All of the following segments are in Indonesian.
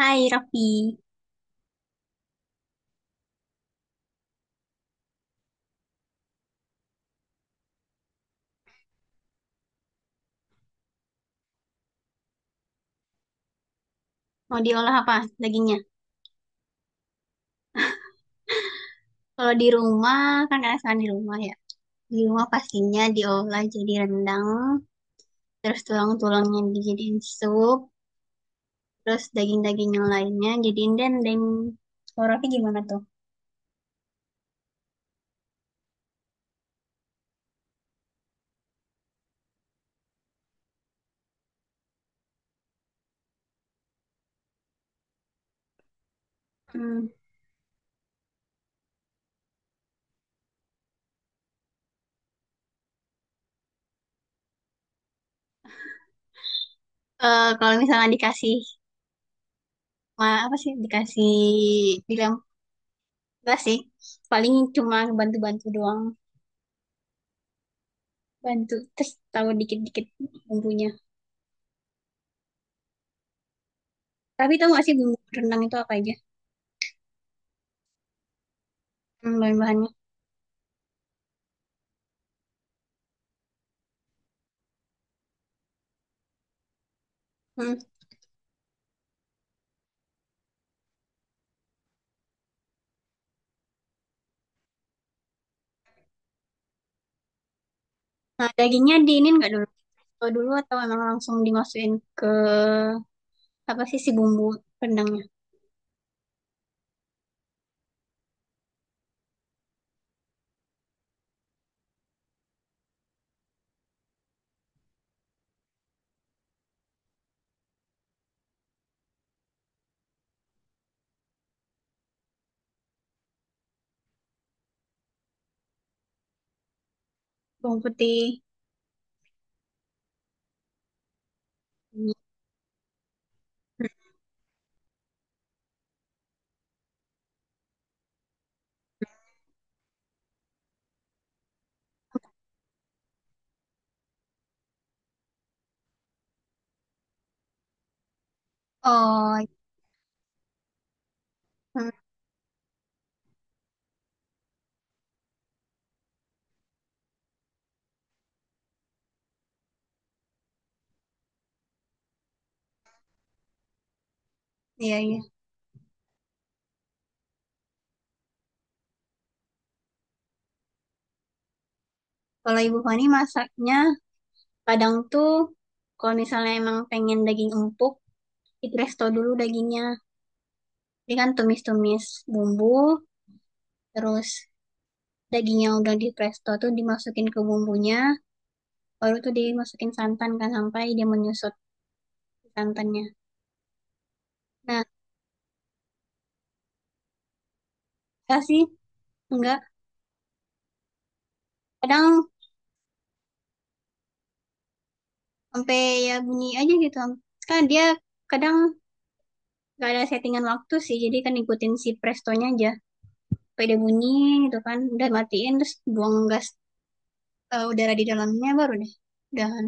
Hai Raffi, mau diolah apa dagingnya? Kalau di rumah, kan karena sekarang di rumah ya. Di rumah pastinya diolah jadi rendang, terus tulang-tulangnya dijadiin sup, terus daging-daging yang lainnya jadiin dendeng. Kalau Raffi gimana tuh? Hmm. Kalau misalnya dikasih, apa sih, dikasih bilang, enggak sih, paling cuma bantu-bantu doang. Bantu, terus tahu dikit-dikit bumbunya. Tapi tahu nggak sih bumbu rendang itu apa aja? Hmm, bahan-bahannya. Hmm. Nah, dagingnya diinin nggak dulu? Atau dulu atau emang langsung dimasukin ke apa sih si bumbu rendangnya? Bawang putih. Oh, hmm, iya iya. Kalau Ibu Fani masaknya kadang tuh kalau misalnya emang pengen daging empuk, di presto dulu dagingnya. Jadi kan tumis-tumis bumbu, terus daging yang udah di presto tuh dimasukin ke bumbunya, baru tuh dimasukin santan kan sampai dia menyusut santannya. Nah, enggak sih, enggak. Kadang sampai ya bunyi aja gitu kan dia kadang gak ada settingan waktu sih jadi kan ikutin si prestonya aja sampai dia bunyi gitu kan udah matiin terus buang gas udara di dalamnya baru deh udahan.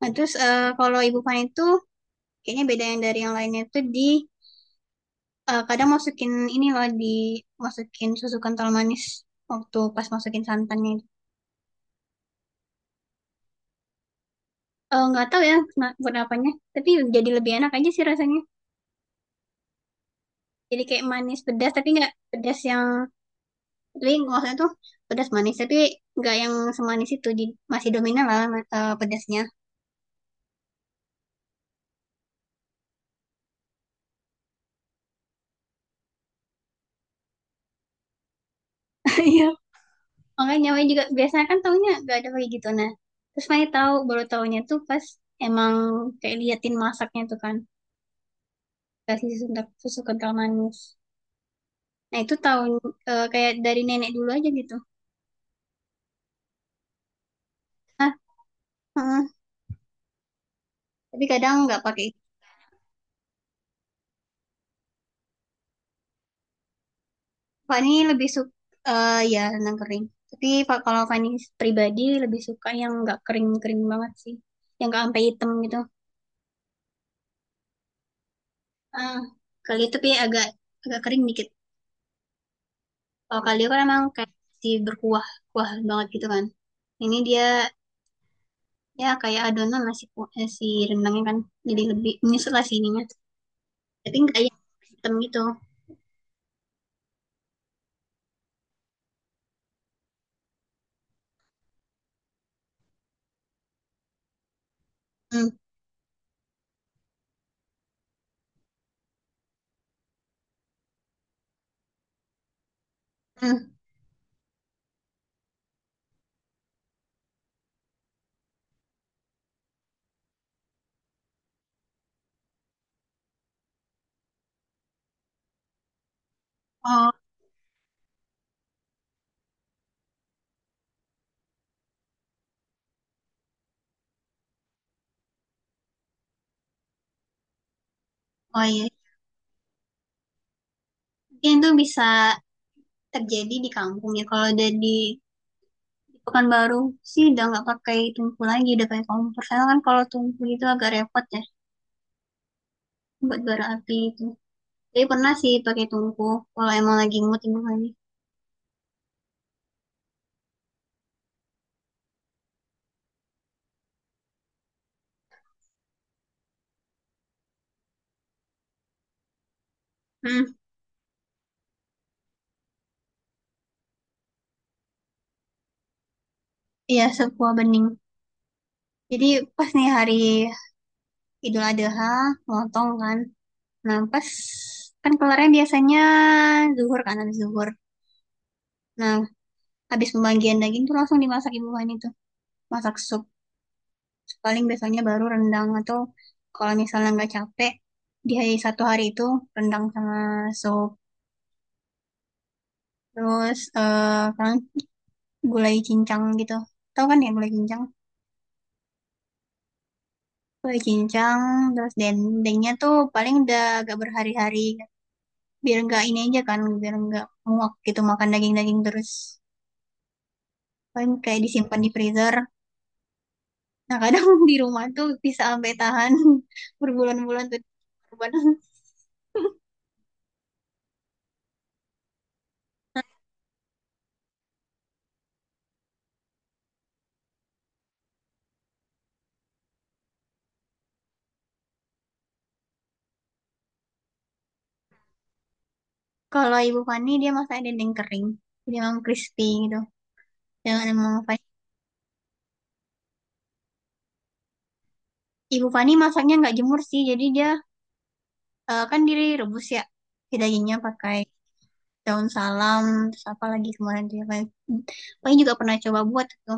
Nah terus kalau ibu pan itu kayaknya beda yang dari yang lainnya itu di kadang masukin ini loh di masukin susu kental manis waktu pas masukin santannya. Nggak tahu ya buat apanya tapi jadi lebih enak aja sih rasanya, jadi kayak manis pedas tapi nggak pedas yang, tapi kalau tuh pedas manis tapi nggak yang semanis itu di, masih dominan lah pedasnya. Iya. Makanya Maya juga biasanya kan taunya nggak ada kayak gitu, nah terus Maya tahu baru taunya tuh pas emang kayak liatin masaknya tuh kan kasih susu, susu kental manis, nah itu tahun kayak dari nenek dulu aja gitu. Ah, heeh. Tapi kadang nggak pakai itu. Fani lebih suka ya renang kering tapi Pak kalau Fani pribadi lebih suka yang nggak kering-kering banget sih, yang nggak sampai hitam gitu. Ah, kali itu kayak agak agak kering dikit. Kalau kalio kan emang kayak masih berkuah, kuah banget gitu kan. Ini dia ya kayak adonan masih si rendangnya kan jadi lebih menyusut lah si ininya. Tapi nggak yang hitam gitu. Hmm, hmm. Oh oh iya. Mungkin itu bisa terjadi di kampung ya. Kalau udah di Pekanbaru sih udah nggak pakai tungku lagi, udah pakai kompor. Karena kan kalau tungku itu agak repot ya buat bara api itu. Jadi pernah sih pakai tungku kalau emang lagi mood ini lagi. Hmm. Iya, sebuah bening. Jadi pas nih hari Idul Adha, lontong kan. Nah, pas kan kelarnya biasanya zuhur kan, habis zuhur. Nah, habis pembagian daging tuh langsung dimasak ibu kan itu. Masak sup. Paling biasanya baru rendang atau kalau misalnya nggak capek, di hari satu hari itu rendang sama sup. Terus eh kan gulai cincang gitu. Tahu kan ya gulai cincang? Gulai cincang, terus dendengnya tuh paling udah agak berhari-hari, biar nggak ini aja kan biar nggak muak gitu makan daging-daging terus, paling kayak disimpan di freezer. Nah kadang di rumah tuh bisa sampai tahan berbulan-bulan tuh korban. Kalau Ibu Fani dia masak dendeng kering jadi emang crispy gitu, jangan emang Fani- Ibu Fani masaknya nggak jemur sih jadi dia kan direbus ya si dagingnya pakai daun salam terus apa lagi kemarin dia pakai, paling juga pernah coba buat gitu.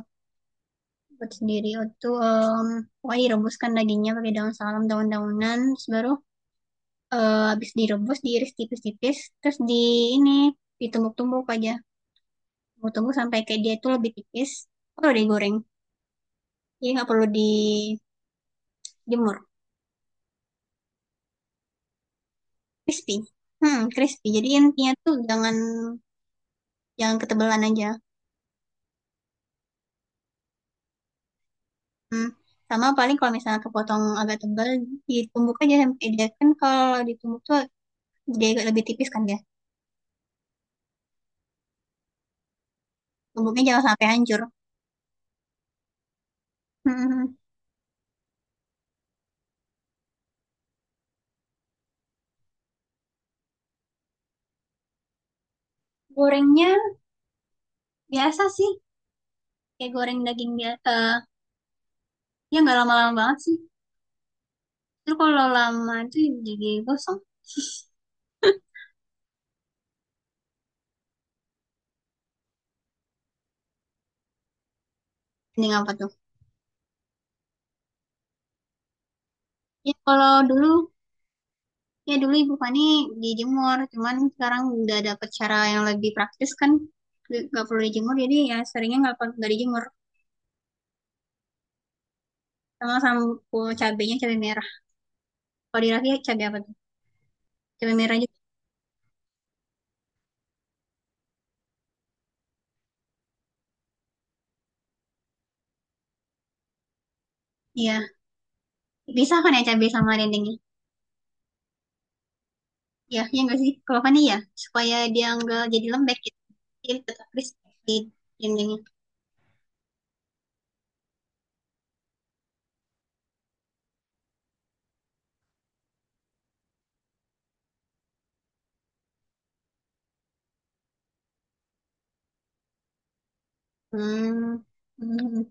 Buat sendiri itu em, pokoknya direbuskan dagingnya pakai daun salam daun-daunan terus baru habis direbus diiris tipis-tipis terus di ini ditumbuk-tumbuk aja, tumbuk-tumbuk sampai kayak dia itu lebih tipis baru digoreng jadi nggak perlu dijemur. Crispy, hmm crispy, jadi intinya tuh jangan jangan ketebalan aja. Hmm. Sama paling kalau misalnya kepotong agak tebal ditumbuk aja sampai dia kan kalau ditumbuk tuh dia agak lebih tipis kan ya, tumbuknya jangan sampai hancur. Hmm. Gorengnya biasa sih, kayak goreng daging dia. Ya nggak lama-lama banget sih. Terus kalau lama itu jadi gosong. Mending apa tuh? Ya kalau dulu, ya dulu ibu pani dijemur. Cuman sekarang udah dapet cara yang lebih praktis kan. Nggak perlu dijemur, jadi ya seringnya nggak dijemur. Sama sama cabenya cabai merah. Kalau di Raffi cabai apa tuh? Cabai merah juga. Iya, bisa kan ya cabai sama dendengnya? Ya, ya nggak sih? Kalau pani ya, supaya dia nggak jadi lembek gitu. Jadi tetap crispy dendengnya. Hmm. Hmm.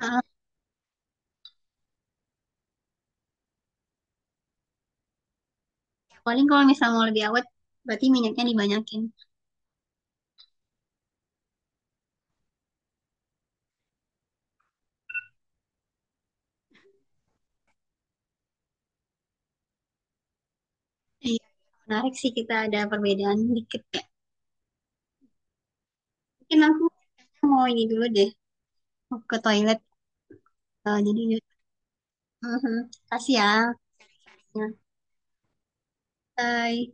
Ah, paling kalau misalnya mau lebih awet, berarti minyaknya dibanyakin. Iya, menarik sih kita ada perbedaan dikit ya. Mungkin aku mau ini dulu deh, mau ke toilet. Jadi, mhm, kasih ya. Ya. Bye.